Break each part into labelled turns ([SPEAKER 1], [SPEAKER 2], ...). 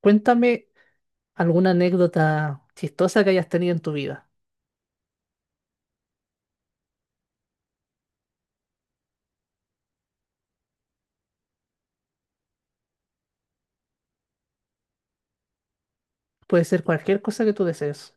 [SPEAKER 1] Cuéntame alguna anécdota chistosa que hayas tenido en tu vida. Puede ser cualquier cosa que tú desees.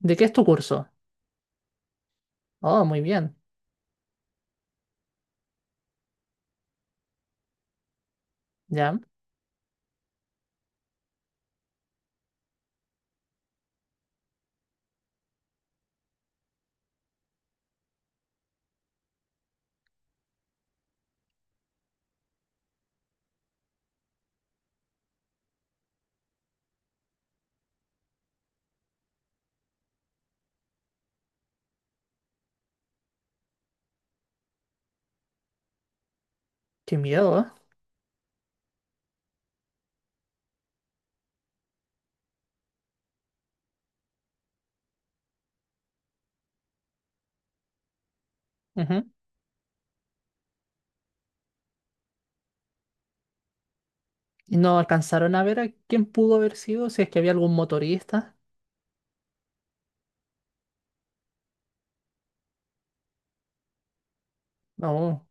[SPEAKER 1] ¿De qué es tu curso? Oh, muy bien. Ya. Qué miedo, ¿eh? Ujú. ¿Y no alcanzaron a ver a quién pudo haber sido? Si es que había algún motorista. No.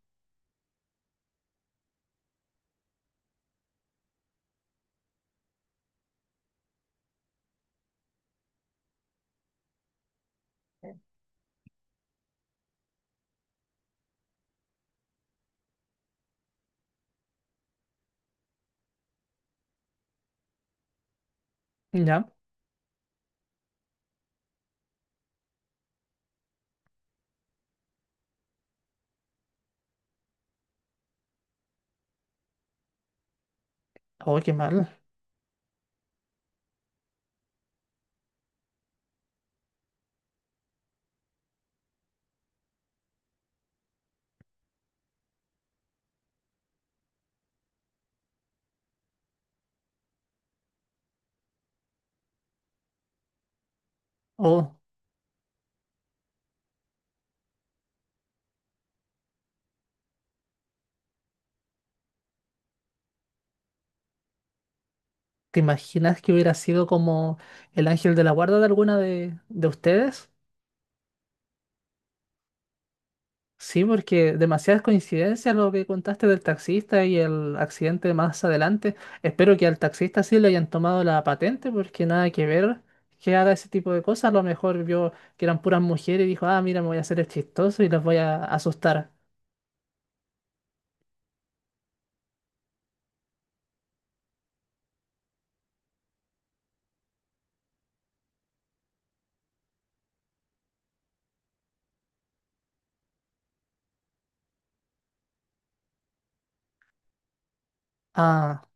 [SPEAKER 1] Ya. Oh, qué mal. Oh, ¿te imaginas que hubiera sido como el ángel de la guarda de alguna de ustedes? Sí, porque demasiadas coincidencias lo que contaste del taxista y el accidente más adelante. Espero que al taxista sí le hayan tomado la patente, porque nada que ver que haga ese tipo de cosas. A lo mejor vio que eran puras mujeres y dijo, ah, mira, me voy a hacer el chistoso y las voy a asustar. Ah,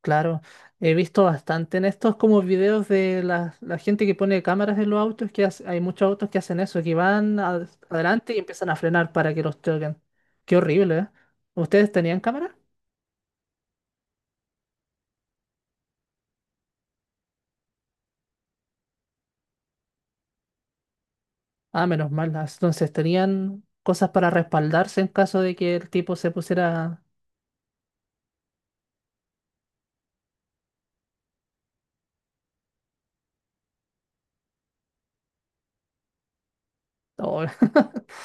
[SPEAKER 1] claro. He visto bastante en estos como videos de la gente que pone cámaras en los autos, que hay muchos autos que hacen eso, que van adelante y empiezan a frenar para que los choquen. Qué horrible, ¿eh? ¿Ustedes tenían cámaras? Ah, menos mal. Ah, entonces tenían cosas para respaldarse en caso de que el tipo se pusiera. Oh.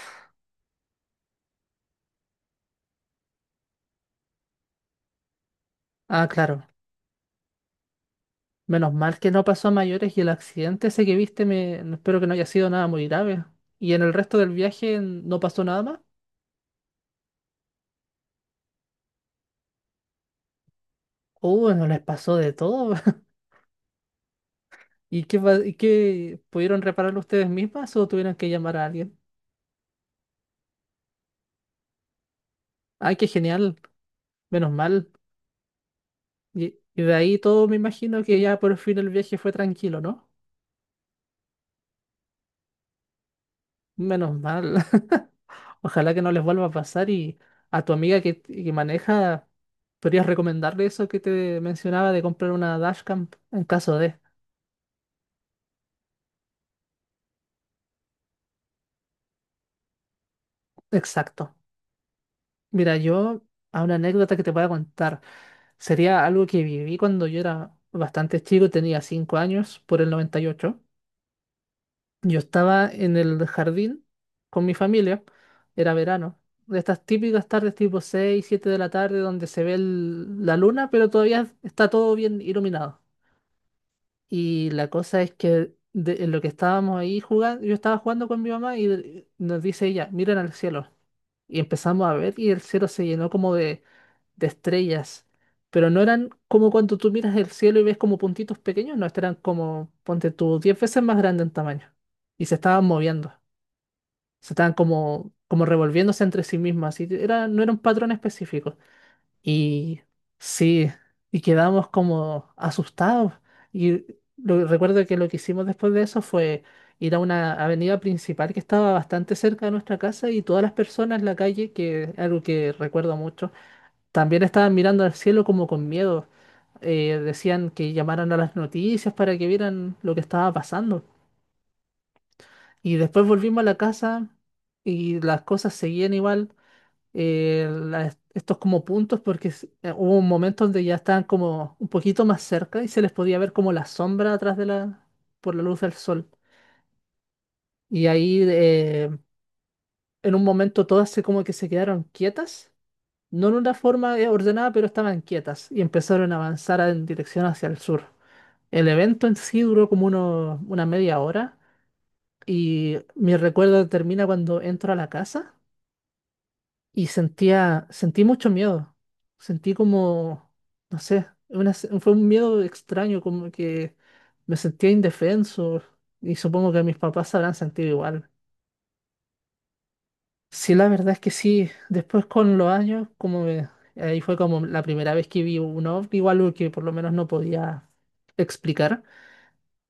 [SPEAKER 1] Ah, claro. Menos mal que no pasó a mayores y el accidente ese que viste, no, espero que no haya sido nada muy grave. ¿Y en el resto del viaje no pasó nada más? No les pasó de todo. ¿Y qué pudieron repararlo ustedes mismas o tuvieron que llamar a alguien? Ay, qué genial. Menos mal. Y de ahí todo me imagino que ya por fin el viaje fue tranquilo, ¿no? Menos mal. Ojalá que no les vuelva a pasar y a tu amiga que maneja, ¿podrías recomendarle eso que te mencionaba de comprar una dashcam en caso de? Exacto. Mira, yo a una anécdota que te voy a contar. Sería algo que viví cuando yo era bastante chico, tenía 5 años, por el 98. Yo estaba en el jardín con mi familia, era verano. De estas típicas tardes tipo 6 7 de la tarde donde se ve la luna, pero todavía está todo bien iluminado. Y la cosa es que en lo que estábamos ahí jugando, yo estaba jugando con mi mamá y nos dice ella, miren al cielo. Y empezamos a ver y el cielo se llenó como de estrellas. Pero no eran como cuando tú miras el cielo y ves como puntitos pequeños, no, estos eran como, ponte tú, 10 veces más grande en tamaño. Y se estaban moviendo, se estaban como revolviéndose entre sí mismas. Así que no era un patrón específico. Y sí, y quedamos como asustados. Y recuerdo que lo que hicimos después de eso fue ir a una avenida principal que estaba bastante cerca de nuestra casa, y todas las personas en la calle, que es algo que recuerdo mucho, también estaban mirando al cielo como con miedo. Decían que llamaran a las noticias para que vieran lo que estaba pasando. Y después volvimos a la casa y las cosas seguían igual, estos como puntos, porque hubo un momento donde ya estaban como un poquito más cerca y se les podía ver como la sombra atrás por la luz del sol. Y ahí, en un momento todas se como que se quedaron quietas, no en una forma ordenada, pero estaban quietas y empezaron a avanzar en dirección hacia el sur. El evento en sí duró como una media hora, y mi recuerdo termina cuando entro a la casa y sentí mucho miedo. Sentí como, no sé, fue un miedo extraño, como que me sentía indefenso, y supongo que mis papás se habrán sentido igual. Sí, la verdad es que sí. Después con los años, ahí fue como la primera vez que vi un ovni, o algo que por lo menos no podía explicar.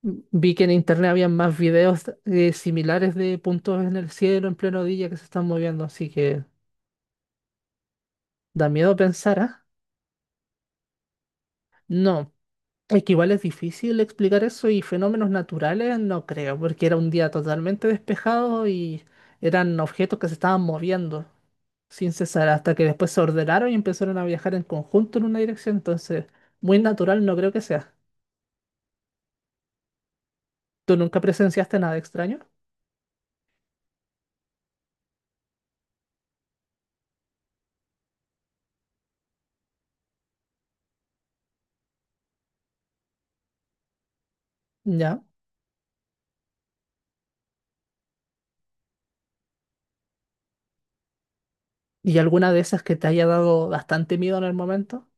[SPEAKER 1] Vi que en internet había más videos similares de puntos en el cielo en pleno día que se están moviendo, así que da miedo pensar, ¿ah? No, es que igual es difícil explicar eso, y fenómenos naturales no creo, porque era un día totalmente despejado y eran objetos que se estaban moviendo sin cesar hasta que después se ordenaron y empezaron a viajar en conjunto en una dirección, entonces muy natural no creo que sea. ¿Tú nunca presenciaste nada extraño? ¿Ya? ¿Y alguna de esas que te haya dado bastante miedo en el momento?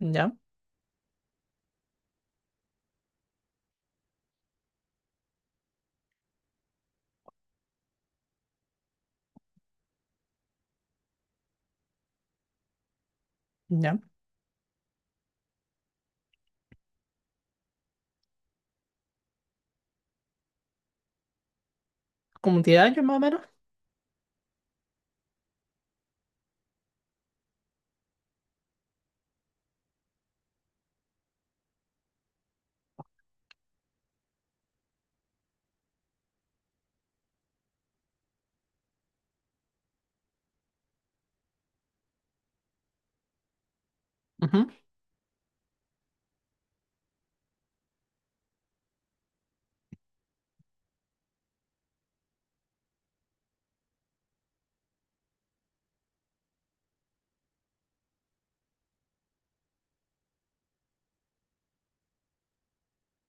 [SPEAKER 1] ¿Ya? ¿Ya? ¿Como 10 años más o menos? Ujú.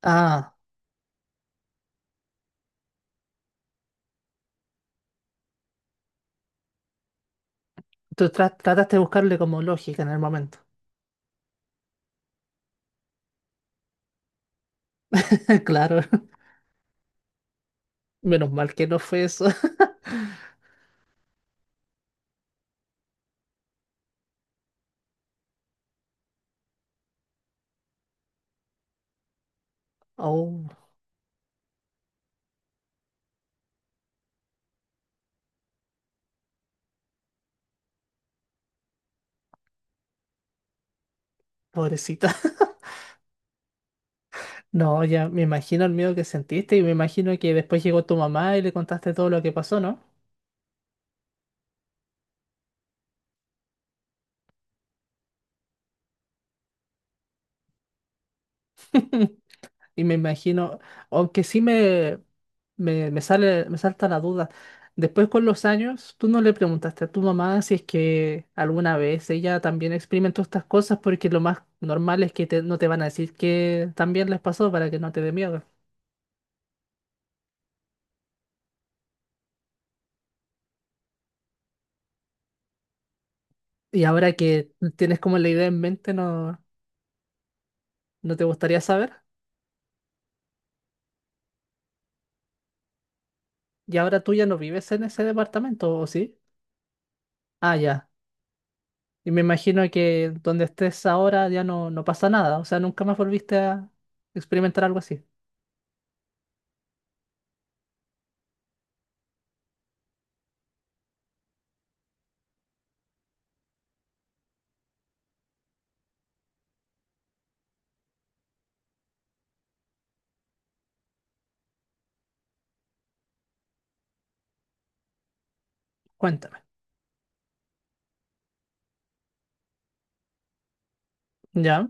[SPEAKER 1] Ah, tú trataste de buscarle como lógica en el momento. Claro, menos mal que no fue eso. Oh, pobrecita. No, ya me imagino el miedo que sentiste, y me imagino que después llegó tu mamá y le contaste todo lo que pasó, ¿no? Y me imagino, aunque sí me salta la duda. Después con los años, tú no le preguntaste a tu mamá si es que alguna vez ella también experimentó estas cosas, porque lo más normal es que no te van a decir que también les pasó para que no te dé miedo. Y ahora que tienes como la idea en mente, ¿no, no te gustaría saber? Y ahora tú ya no vives en ese departamento, ¿o sí? Ah, ya. Y me imagino que donde estés ahora ya no pasa nada. O sea, nunca más volviste a experimentar algo así. Cuéntame. ¿Ya?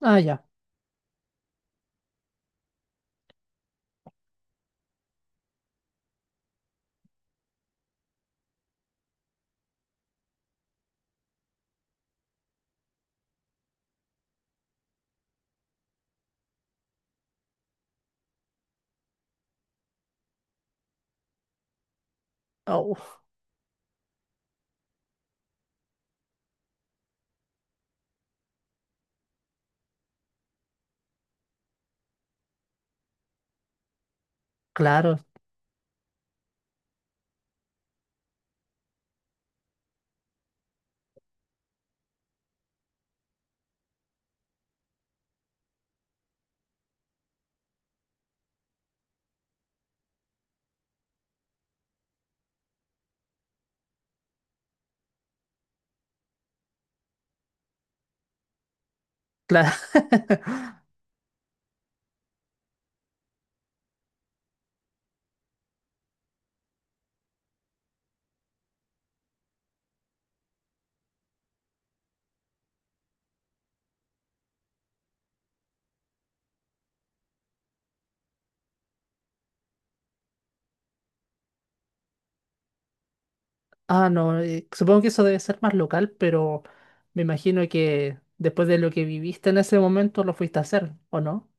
[SPEAKER 1] Ah, ya. Oh, claro, claro. Ah, no. Supongo que eso debe ser más local, pero me imagino que después de lo que viviste en ese momento lo fuiste a hacer, ¿o no?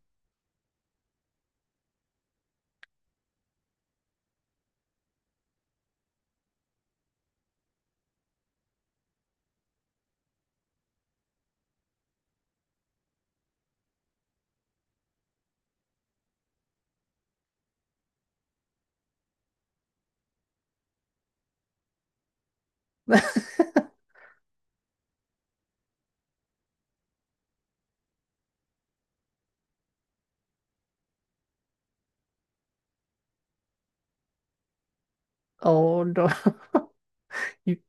[SPEAKER 1] Oh, no. Y-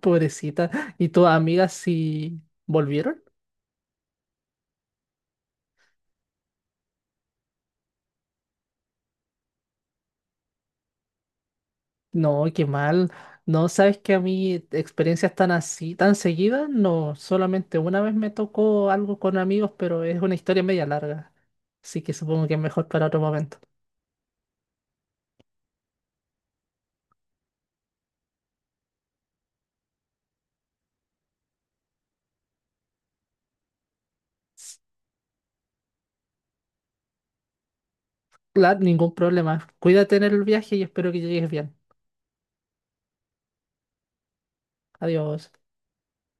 [SPEAKER 1] Pobrecita. ¿Y tus amigas sí volvieron? No, qué mal. No, sabes que a mí experiencias tan así, tan seguidas, no, solamente una vez me tocó algo con amigos, pero es una historia media larga. Así que supongo que es mejor para otro momento. Claro, ningún problema. Cuídate en el viaje y espero que llegues bien. Adiós.